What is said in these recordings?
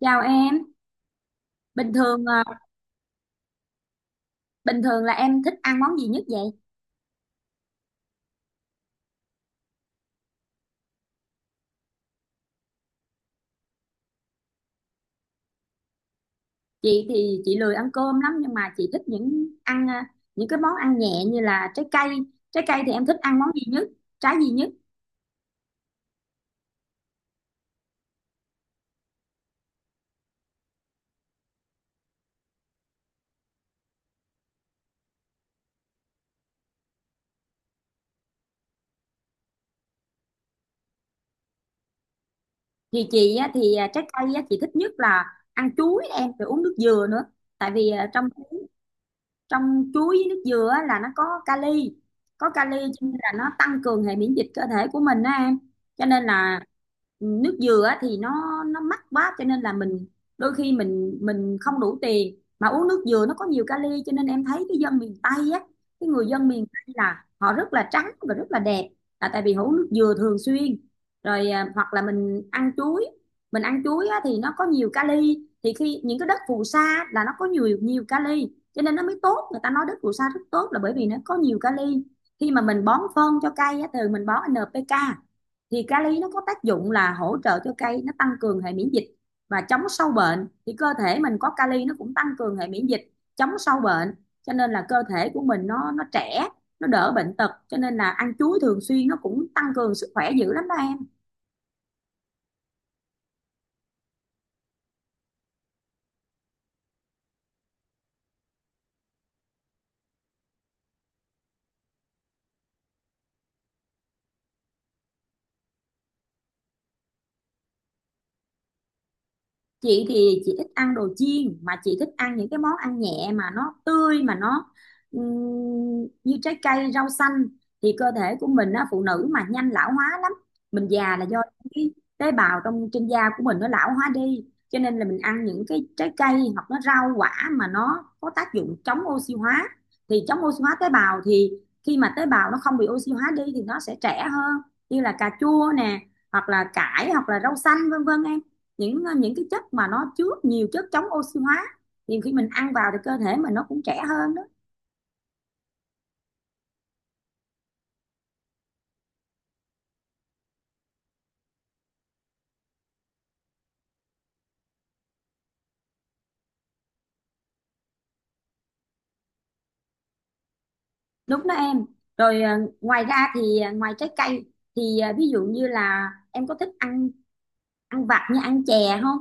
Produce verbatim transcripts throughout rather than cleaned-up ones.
Chào em, bình thường à, bình thường là em thích ăn món gì nhất vậy? Chị thì chị lười ăn cơm lắm nhưng mà chị thích những ăn à, những cái món ăn nhẹ như là trái cây. Trái cây thì em thích ăn món gì nhất? Trái gì nhất? Thì chị á, thì à, Trái cây á, chị thích nhất là ăn chuối em rồi uống nước dừa nữa. Tại vì à, trong trong chuối với nước dừa á, là nó có kali, có kali, cho nên là nó tăng cường hệ miễn dịch cơ thể của mình á em, cho nên là, ừ, nước dừa á thì nó nó mắc quá cho nên là mình, đôi khi mình mình không đủ tiền mà uống nước dừa. Nó có nhiều kali cho nên em thấy cái dân miền Tây á, cái người dân miền Tây là họ rất là trắng và rất là đẹp, là tại vì họ uống nước dừa thường xuyên. Rồi à, hoặc là mình ăn chuối, mình ăn chuối á, thì nó có nhiều kali. Thì khi những cái đất phù sa là nó có nhiều, nhiều kali, cho nên nó mới tốt. Người ta nói đất phù sa rất tốt là bởi vì nó có nhiều kali. Khi mà mình bón phân cho cây á, thường mình bón en pê ca, thì kali nó có tác dụng là hỗ trợ cho cây, nó tăng cường hệ miễn dịch và chống sâu bệnh. Thì cơ thể mình có kali nó cũng tăng cường hệ miễn dịch, chống sâu bệnh, cho nên là cơ thể của mình nó nó trẻ, nó đỡ bệnh tật. Cho nên là ăn chuối thường xuyên nó cũng tăng cường sức khỏe dữ lắm đó em. Chị thì chị thích ăn đồ chiên, mà chị thích ăn những cái món ăn nhẹ mà nó tươi, mà nó ừm, như trái cây, rau xanh. Thì cơ thể của mình á, phụ nữ mà nhanh lão hóa lắm, mình già là do cái tế bào trong, trên da của mình nó lão hóa đi, cho nên là mình ăn những cái trái cây hoặc nó rau quả mà nó có tác dụng chống oxy hóa. Thì chống oxy hóa tế bào thì khi mà tế bào nó không bị oxy hóa đi thì nó sẽ trẻ hơn, như là cà chua nè, hoặc là cải, hoặc là rau xanh vân vân em. Những ờ, những cái chất mà nó chứa nhiều chất chống oxy hóa, thì khi mình ăn vào thì cơ thể mình nó cũng trẻ hơn đó. Đúng đó em. Rồi à, ngoài ra thì, à, ngoài trái cây thì, à, ví dụ như là em có thích ăn, ăn vặt như ăn chè không?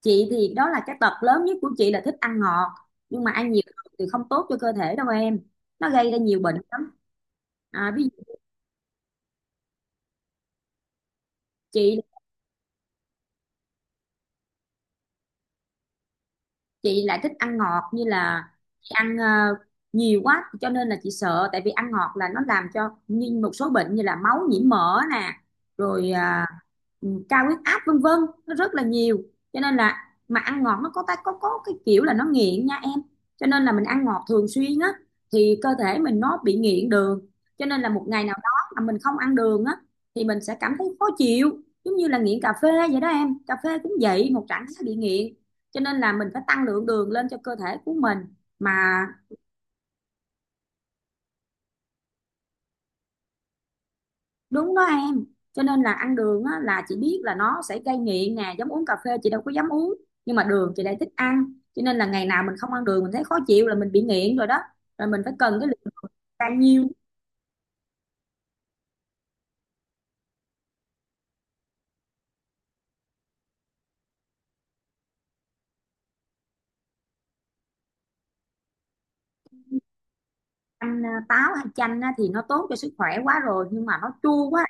Chị thì đó là cái tật lớn nhất của chị, là thích ăn ngọt. Nhưng mà ăn nhiều thì không tốt cho cơ thể đâu em, nó gây ra nhiều bệnh lắm. À, ví dụ, chị chị lại thích ăn ngọt, như là chị ăn, ờ, nhiều quá, cho nên là chị sợ. Tại vì ăn ngọt là nó làm cho như một số bệnh như là máu nhiễm mỡ nè, rồi à, ừ, cao huyết áp vân vân, nó rất là nhiều. Cho nên là mà ăn ngọt nó có ta có có cái kiểu là nó nghiện nha em. Cho nên là mình ăn ngọt thường xuyên á, thì cơ thể mình nó bị nghiện đường, cho nên là một ngày nào đó mà mình không ăn đường á, thì mình sẽ cảm thấy khó chịu. Giống như là nghiện cà phê vậy đó em, cà phê cũng vậy, một trạng thái bị nghiện, cho nên là mình phải tăng lượng đường lên cho cơ thể của mình. Mà đúng đó em, cho nên là ăn đường á, là chị biết là nó sẽ gây nghiện nè. Giống uống cà phê chị đâu có dám uống, nhưng mà đường chị lại thích ăn, cho nên là ngày nào mình không ăn đường mình thấy khó chịu là mình bị nghiện rồi đó, rồi mình phải cần cái lượng đường bao nhiêu. Ăn à, táo hay chanh á, thì nó tốt cho sức khỏe quá rồi, nhưng mà nó chua quá.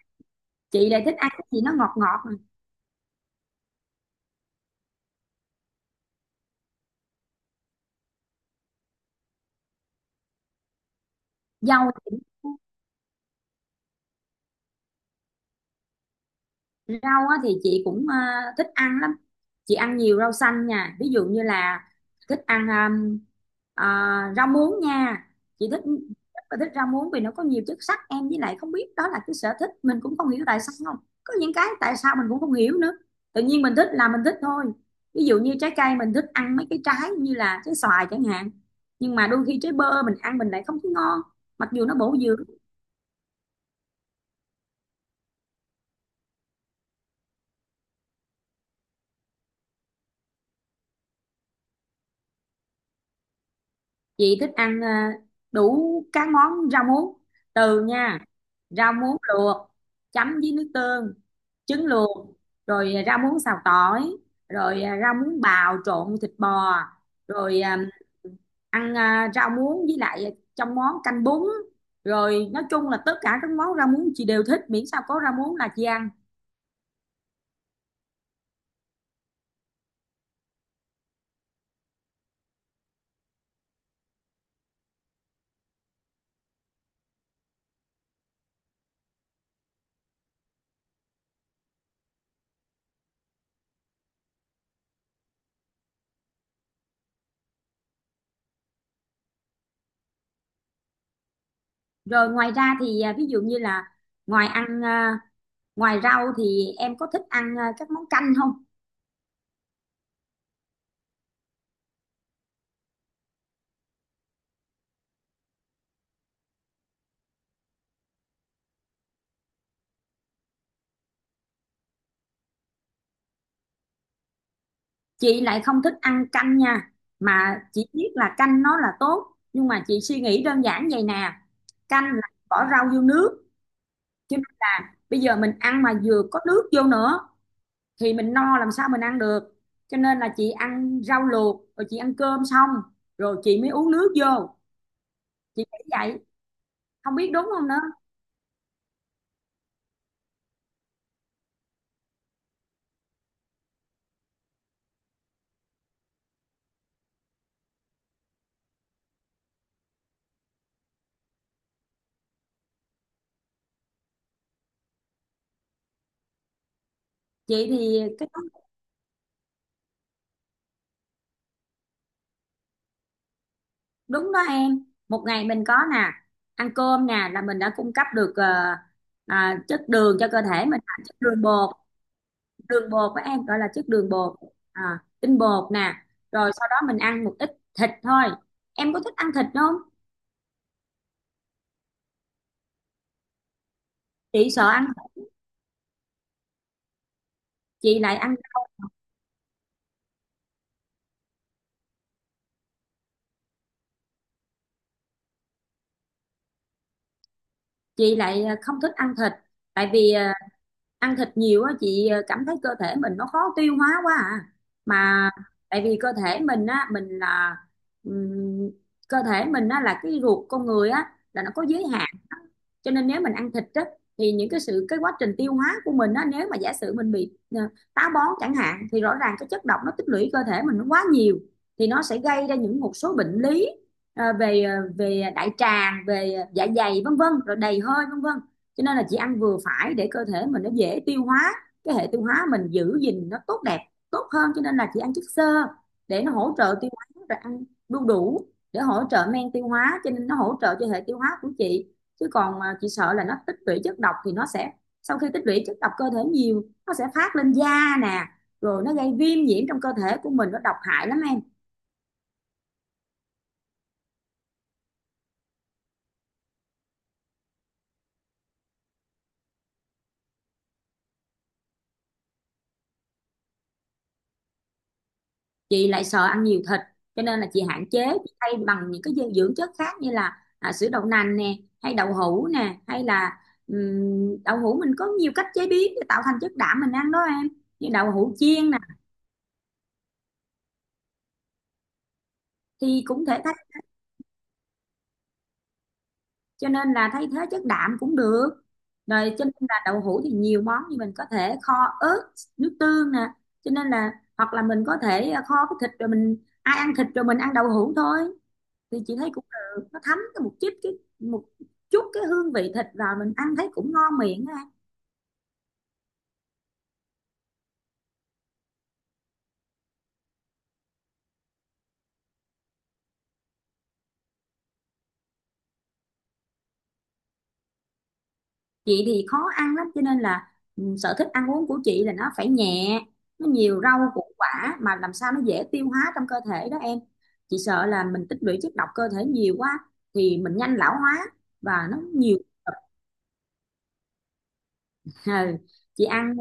Chị lại thích ăn cái gì nó ngọt ngọt nè. Dâu thì, rau á, thì chị cũng, ờ, thích ăn lắm. Chị ăn nhiều rau xanh nha. Ví dụ như là thích ăn um, ờ, rau muống nha. Chị thích, rất là thích rau muống vì nó có nhiều chất sắt em. Với lại không biết đó là cái sở thích, mình cũng không hiểu tại sao không. Có những cái tại sao mình cũng không hiểu nữa. Tự nhiên mình thích là mình thích thôi. Ví dụ như trái cây mình thích ăn mấy cái trái như là trái xoài chẳng hạn. Nhưng mà đôi khi trái bơ mình ăn mình lại không thấy ngon, mặc dù nó bổ dưỡng. Chị thích ăn ờ, đủ các món rau muống, từ nha, rau muống luộc chấm với nước tương, trứng luộc, rồi à, rau muống xào tỏi, rồi à, rau muống bào trộn thịt bò, rồi à, ăn à, rau muống với lại trong món canh bún. Rồi nói chung là tất cả các món rau muống chị đều thích, miễn sao có rau muống là chị ăn. Rồi ngoài ra thì, à, ví dụ như là ngoài ăn, à, ngoài rau thì em có thích ăn, à, các món canh không? Chị lại không thích ăn canh nha, mà chị biết là canh nó là tốt. Nhưng mà chị suy nghĩ đơn giản vậy nè: canh là bỏ rau vô nước, chứ bây giờ mình ăn mà vừa có nước vô nữa thì mình no, làm sao mình ăn được. Cho nên là chị ăn rau luộc, rồi chị ăn cơm xong rồi chị mới uống nước vô. Chị nghĩ vậy, không biết đúng không nữa. Chị thì cái đó đúng đó em. Một ngày mình có nè, ăn cơm nè là mình đã cung cấp được ờ, à, chất đường cho cơ thể mình, là chất đường bột. Đường bột của em gọi là chất đường bột, à, tinh bột nè. Rồi sau đó mình ăn một ít thịt thôi. Em có thích ăn thịt không? Chị sợ ăn thịt, chị lại ăn chị lại ờ, không thích ăn thịt. Tại vì ờ, ăn thịt nhiều á chị ờ, cảm thấy cơ thể mình nó khó tiêu hóa quá à. Mà tại vì cơ thể mình á, mình là, ừm, cơ thể mình á là cái ruột con người á là nó có giới hạn. Cho nên nếu mình ăn thịt á, thì những cái sự, cái quá trình tiêu hóa của mình á, nếu mà giả sử mình bị ờ, táo bón chẳng hạn, thì rõ ràng cái chất độc nó tích lũy cơ thể mình nó quá nhiều, thì nó sẽ gây ra những một số bệnh lý, ờ, về ờ, về đại tràng, về dạ dày vân vân, rồi đầy hơi vân vân. Cho nên là chị ăn vừa phải để cơ thể mình nó dễ tiêu hóa, cái hệ tiêu hóa mình giữ gìn nó tốt đẹp, tốt hơn. Cho nên là chị ăn chất xơ để nó hỗ trợ tiêu hóa, rồi ăn đu đủ để hỗ trợ men tiêu hóa, cho nên nó hỗ trợ cho hệ tiêu hóa của chị. Chứ còn à, chị sợ là nó tích lũy chất độc, thì nó sẽ, sau khi tích lũy chất độc cơ thể nhiều, nó sẽ phát lên da nè, rồi nó gây viêm nhiễm trong cơ thể của mình, nó độc hại lắm em. Chị lại sợ ăn nhiều thịt, cho nên là chị hạn chế, chị thay bằng những cái dinh dưỡng chất khác, như là à, sữa đậu nành nè, hay đậu hũ nè, hay là ừm, đậu hũ mình có nhiều cách chế biến để tạo thành chất đạm mình ăn đó em, như đậu hũ chiên nè, thì cũng thể thay, cho nên là thay thế chất đạm cũng được. Rồi cho nên là đậu hũ thì nhiều món, như mình có thể kho ớt, nước tương nè, cho nên là, hoặc là mình có thể à, kho cái thịt rồi mình, ai ăn thịt rồi mình ăn đậu hũ thôi, thì chị thấy cũng được. Nó thấm cái một chút cái, một chút cái hương vị thịt vào mình ăn thấy cũng ngon miệng á. Chị thì khó ăn lắm, cho nên là ừ, sở thích ăn uống của chị là nó phải nhẹ, nó nhiều rau củ quả, mà làm sao nó dễ tiêu hóa trong cơ thể đó em. Chị sợ là mình tích lũy chất độc cơ thể nhiều quá thì mình nhanh lão hóa, và nó nhiều. Ừ. Chị ăn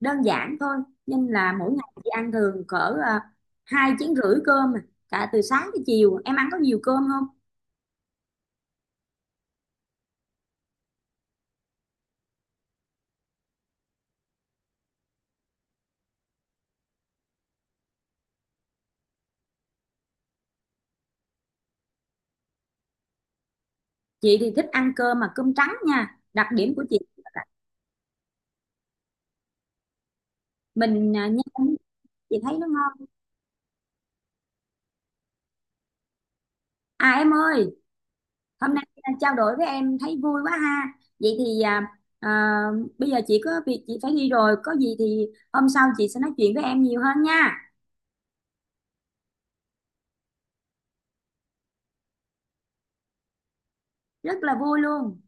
đơn giản thôi, nên là mỗi ngày chị ăn thường cỡ à, hai chén rưỡi cơm à, cả từ sáng tới chiều. Em ăn có nhiều cơm không? Chị thì thích ăn cơm, mà cơm trắng nha, đặc điểm của chị là mình à, nhem, chị thấy nó ngon. À em ơi, hôm nay à, trao đổi với em thấy vui quá ha. Vậy thì, à, à, bây giờ chị có việc chị phải đi rồi, có gì thì hôm sau chị sẽ nói chuyện với em nhiều hơn nha. Rất là vui luôn.